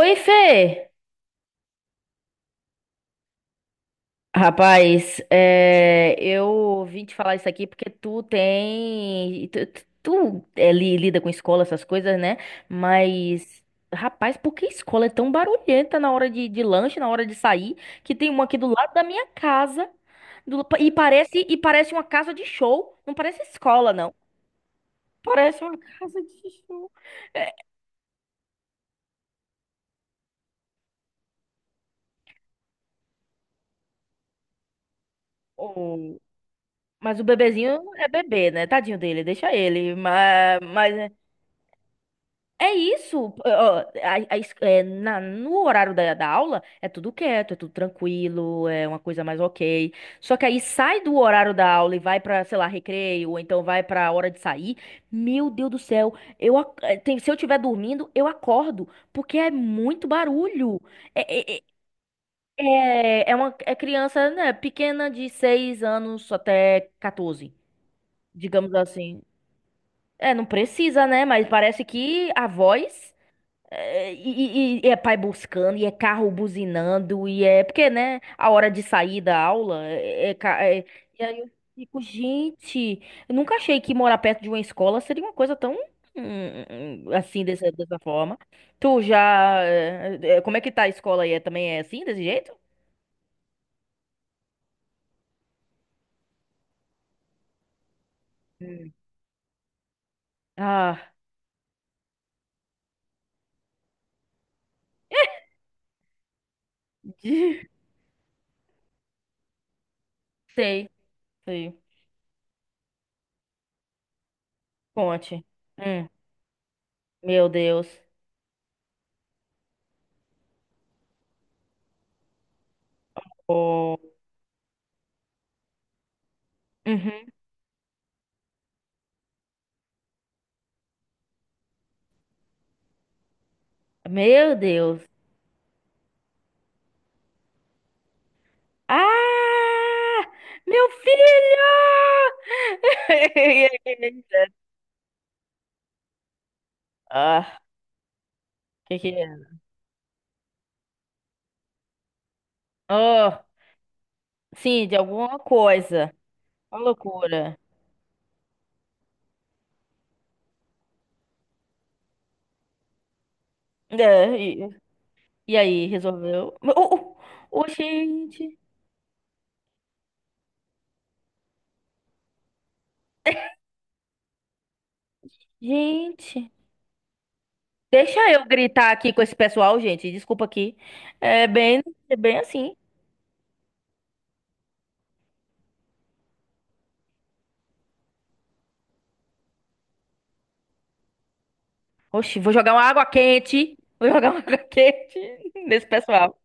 Oi, Fê! Rapaz, eu vim te falar isso aqui porque tu tem. Tu lida com escola, essas coisas, né? Mas, rapaz, por que escola é tão barulhenta na hora de lanche, na hora de sair? Que tem uma aqui do lado da minha casa. E parece uma casa de show. Não parece escola, não. Parece uma casa de show. É, o- mas o bebezinho é bebê, né? Tadinho dele, deixa ele. Mas... É isso. Ó, a es- é, na- no horário da aula é tudo quieto, é tudo tranquilo, é uma coisa mais ok. Só que aí sai do horário da aula e vai pra, sei lá, recreio, ou então vai pra hora de sair. Meu Deus do céu, eu, ac- eh, tem- se eu estiver dormindo, eu acordo, porque é muito barulho. É, é, é, é uma criança, né, pequena de 6 anos até 14, digamos assim. É, não precisa, né? Mas parece que a voz. É. E é pai buscando, e é carro buzinando, e é. Porque, né? A hora de sair da aula é... E aí eu fico, gente, eu nunca achei que morar perto de uma escola seria uma coisa tão. Assim, dessa forma. Tu já. Como é que tá a escola aí? Também é assim, desse jeito? Hum. Ah, de- sei, sei. Conte. Hum, meu Deus. Oh. Uhum. Meu Deus. Ah! Meu filho! Ah, que é? Oh, sim, de alguma coisa. Uma loucura. É, e, e aí, resolveu? Oh, oh, oh, gente, gente. Deixa eu gritar aqui com esse pessoal, gente. Desculpa aqui. É bem, é bem assim. Oxi, vou jogar uma água quente. Vou jogar uma água quente nesse pessoal.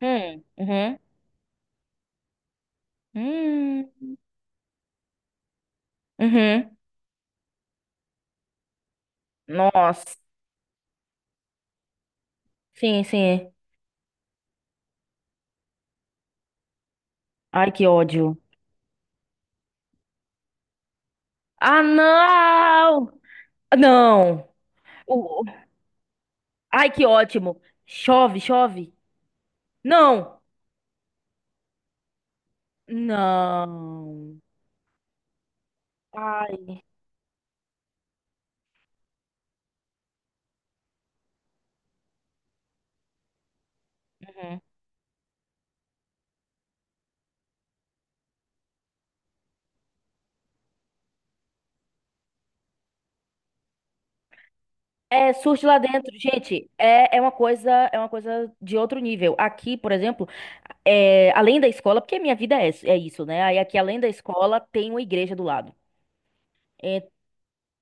Hum. Uhum. Hum. Uhum. Nossa. Sim, sim. Ai, que ódio. Ah, não! Não! O- o- Ai, que ótimo! Chove, chove! Não! Não! Ai. Uhum. É surge lá dentro, gente. É uma coisa de outro nível. Aqui, por exemplo, além da escola, porque minha vida é isso, né? Aí aqui, além da escola, tem uma igreja do lado.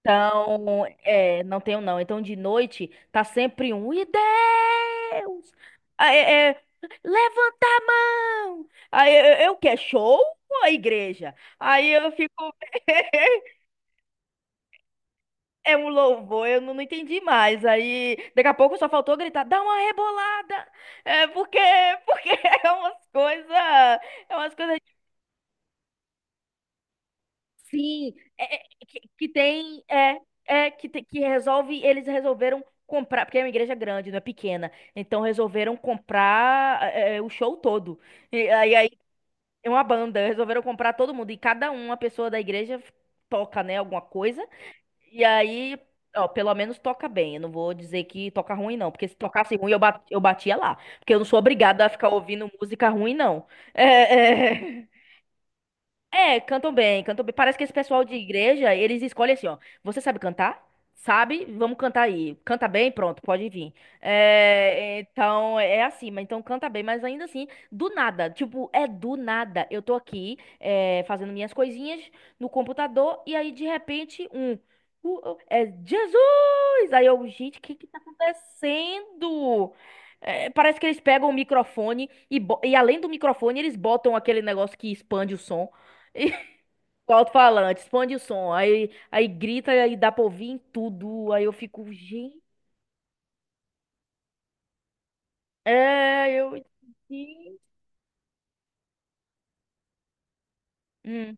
Então, não tenho não. Então, de noite, tá sempre um. E Deus! Aí, levanta a mão! Aí, eu quero show ou a igreja? Aí eu fico. É um louvor, eu não entendi mais. Aí, daqui a pouco só faltou gritar, dá uma rebolada! É porque é umas coisas. É umas coisas. Sim, que tem é é que te- que resolve eles resolveram comprar porque é uma igreja grande, não é pequena, então resolveram comprar o show todo. E aí é uma banda, resolveram comprar todo mundo e cada uma pessoa da igreja toca, né, alguma coisa. E aí, ó, pelo menos toca bem. Eu não vou dizer que toca ruim não, porque se tocasse ruim eu batia lá, porque eu não sou obrigada a ficar ouvindo música ruim não. É, é. É, cantam bem, cantam bem. Parece que esse pessoal de igreja, eles escolhem assim, ó. Você sabe cantar? Sabe? Vamos cantar aí. Canta bem? Pronto, pode vir. É, então, é assim, mas então canta bem, mas ainda assim, do nada. Tipo, é do nada. Eu tô aqui, fazendo minhas coisinhas no computador, e aí, de repente, um. É Jesus! Aí eu, gente, o que que tá acontecendo? É, parece que eles pegam o microfone e além do microfone, eles botam aquele negócio que expande o som. E O alto-falante, expande o som, aí grita, aí dá pra ouvir em tudo, aí eu fico, gente, é, eu, gente. Hum.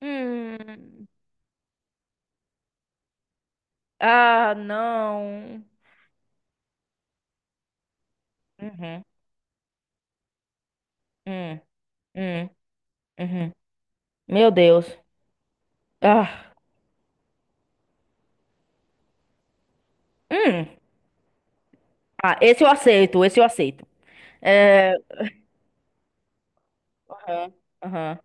Hum. Ah, não. Uhum. Hum. Hum. Uhum. Meu Deus. Ah. Hum. Ah, esse eu aceito, é, aham, aham.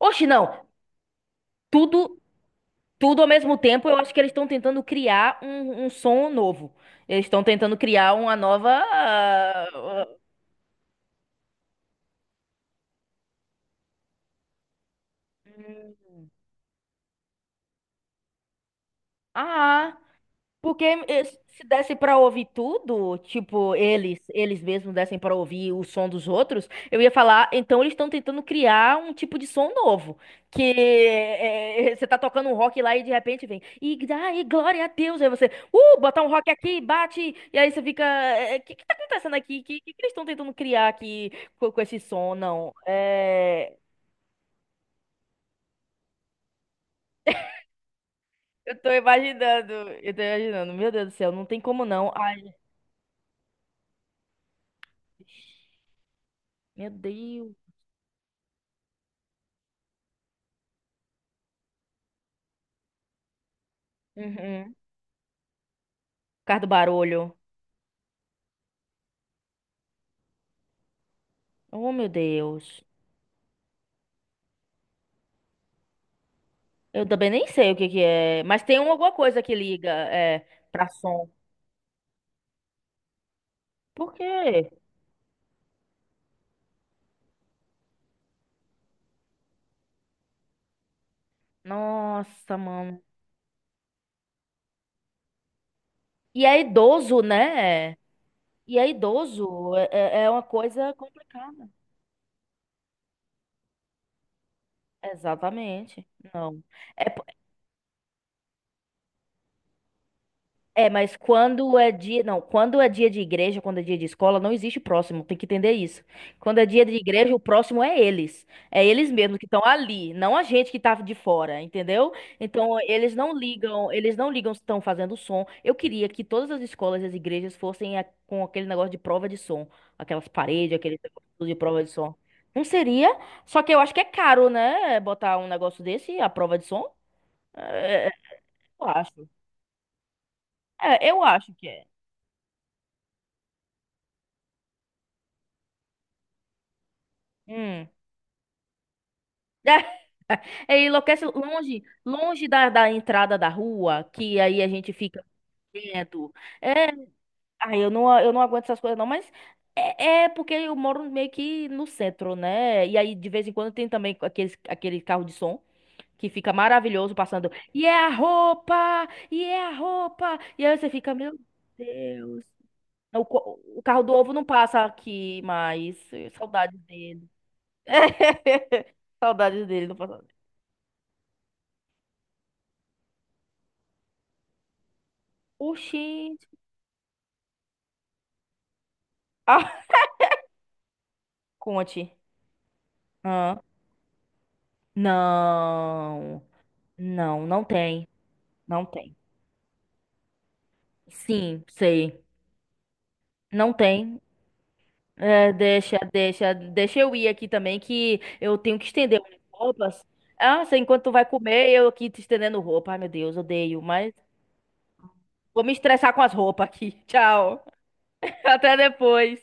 Oxe, não, tudo, tudo ao mesmo tempo, eu acho que eles estão tentando criar um som novo, eles estão tentando criar uma nova, ah, ah, ah, porque se desse pra ouvir tudo, tipo, eles mesmos dessem pra ouvir o som dos outros, eu ia falar, então eles estão tentando criar um tipo de som novo, que você tá tocando um rock lá e de repente vem, e ai, glória a Deus, aí você, botar um rock aqui, bate, e aí você fica, o que que tá acontecendo aqui? O que que eles estão tentando criar aqui com esse som? Não, é... eu tô imaginando, meu Deus do céu, não tem como não. Ai, meu Deus. Uhum. Por causa do barulho. Oh, meu Deus. Eu também nem sei o que que é, mas tem alguma coisa que liga, pra som. Por quê? Nossa, mano. E é idoso, né? E é idoso, é uma coisa complicada. Exatamente. Não. É É, mas quando é dia, não, quando é dia de igreja, quando é dia de escola, não existe próximo, tem que entender isso. Quando é dia de igreja, o próximo é eles. É eles mesmos que estão ali, não a gente que tava de fora, entendeu? Então, eles não ligam se estão fazendo som. Eu queria que todas as escolas e as igrejas fossem com aquele negócio de prova de som, aquelas paredes, aquele negócio de prova de som. Não seria? Só que eu acho que é caro, né, botar um negócio desse, a prova de som. É, é, eu acho. É, eu acho que é. Hum. É, Enlouquece longe, longe da entrada da rua, que aí a gente fica vendo. É, ai, eu não aguento essas coisas não, mas é porque eu moro meio que no centro, né? E aí de vez em quando tem também aqueles, aquele carro de som que fica maravilhoso passando. E é a roupa! E é a roupa! E aí você fica, meu Deus. O carro do ovo não passa aqui mais. Saudades dele. Saudades dele, não passa. Oxi. Conte. Ah, não. Não, não tem. Não tem. Sim, sei. Não tem. É, deixa eu ir aqui também, que eu tenho que estender minhas roupas. Ah, você, enquanto tu vai comer, eu aqui te estendendo roupa. Ai, meu Deus, odeio, mas vou me estressar com as roupas aqui. Tchau. Até depois.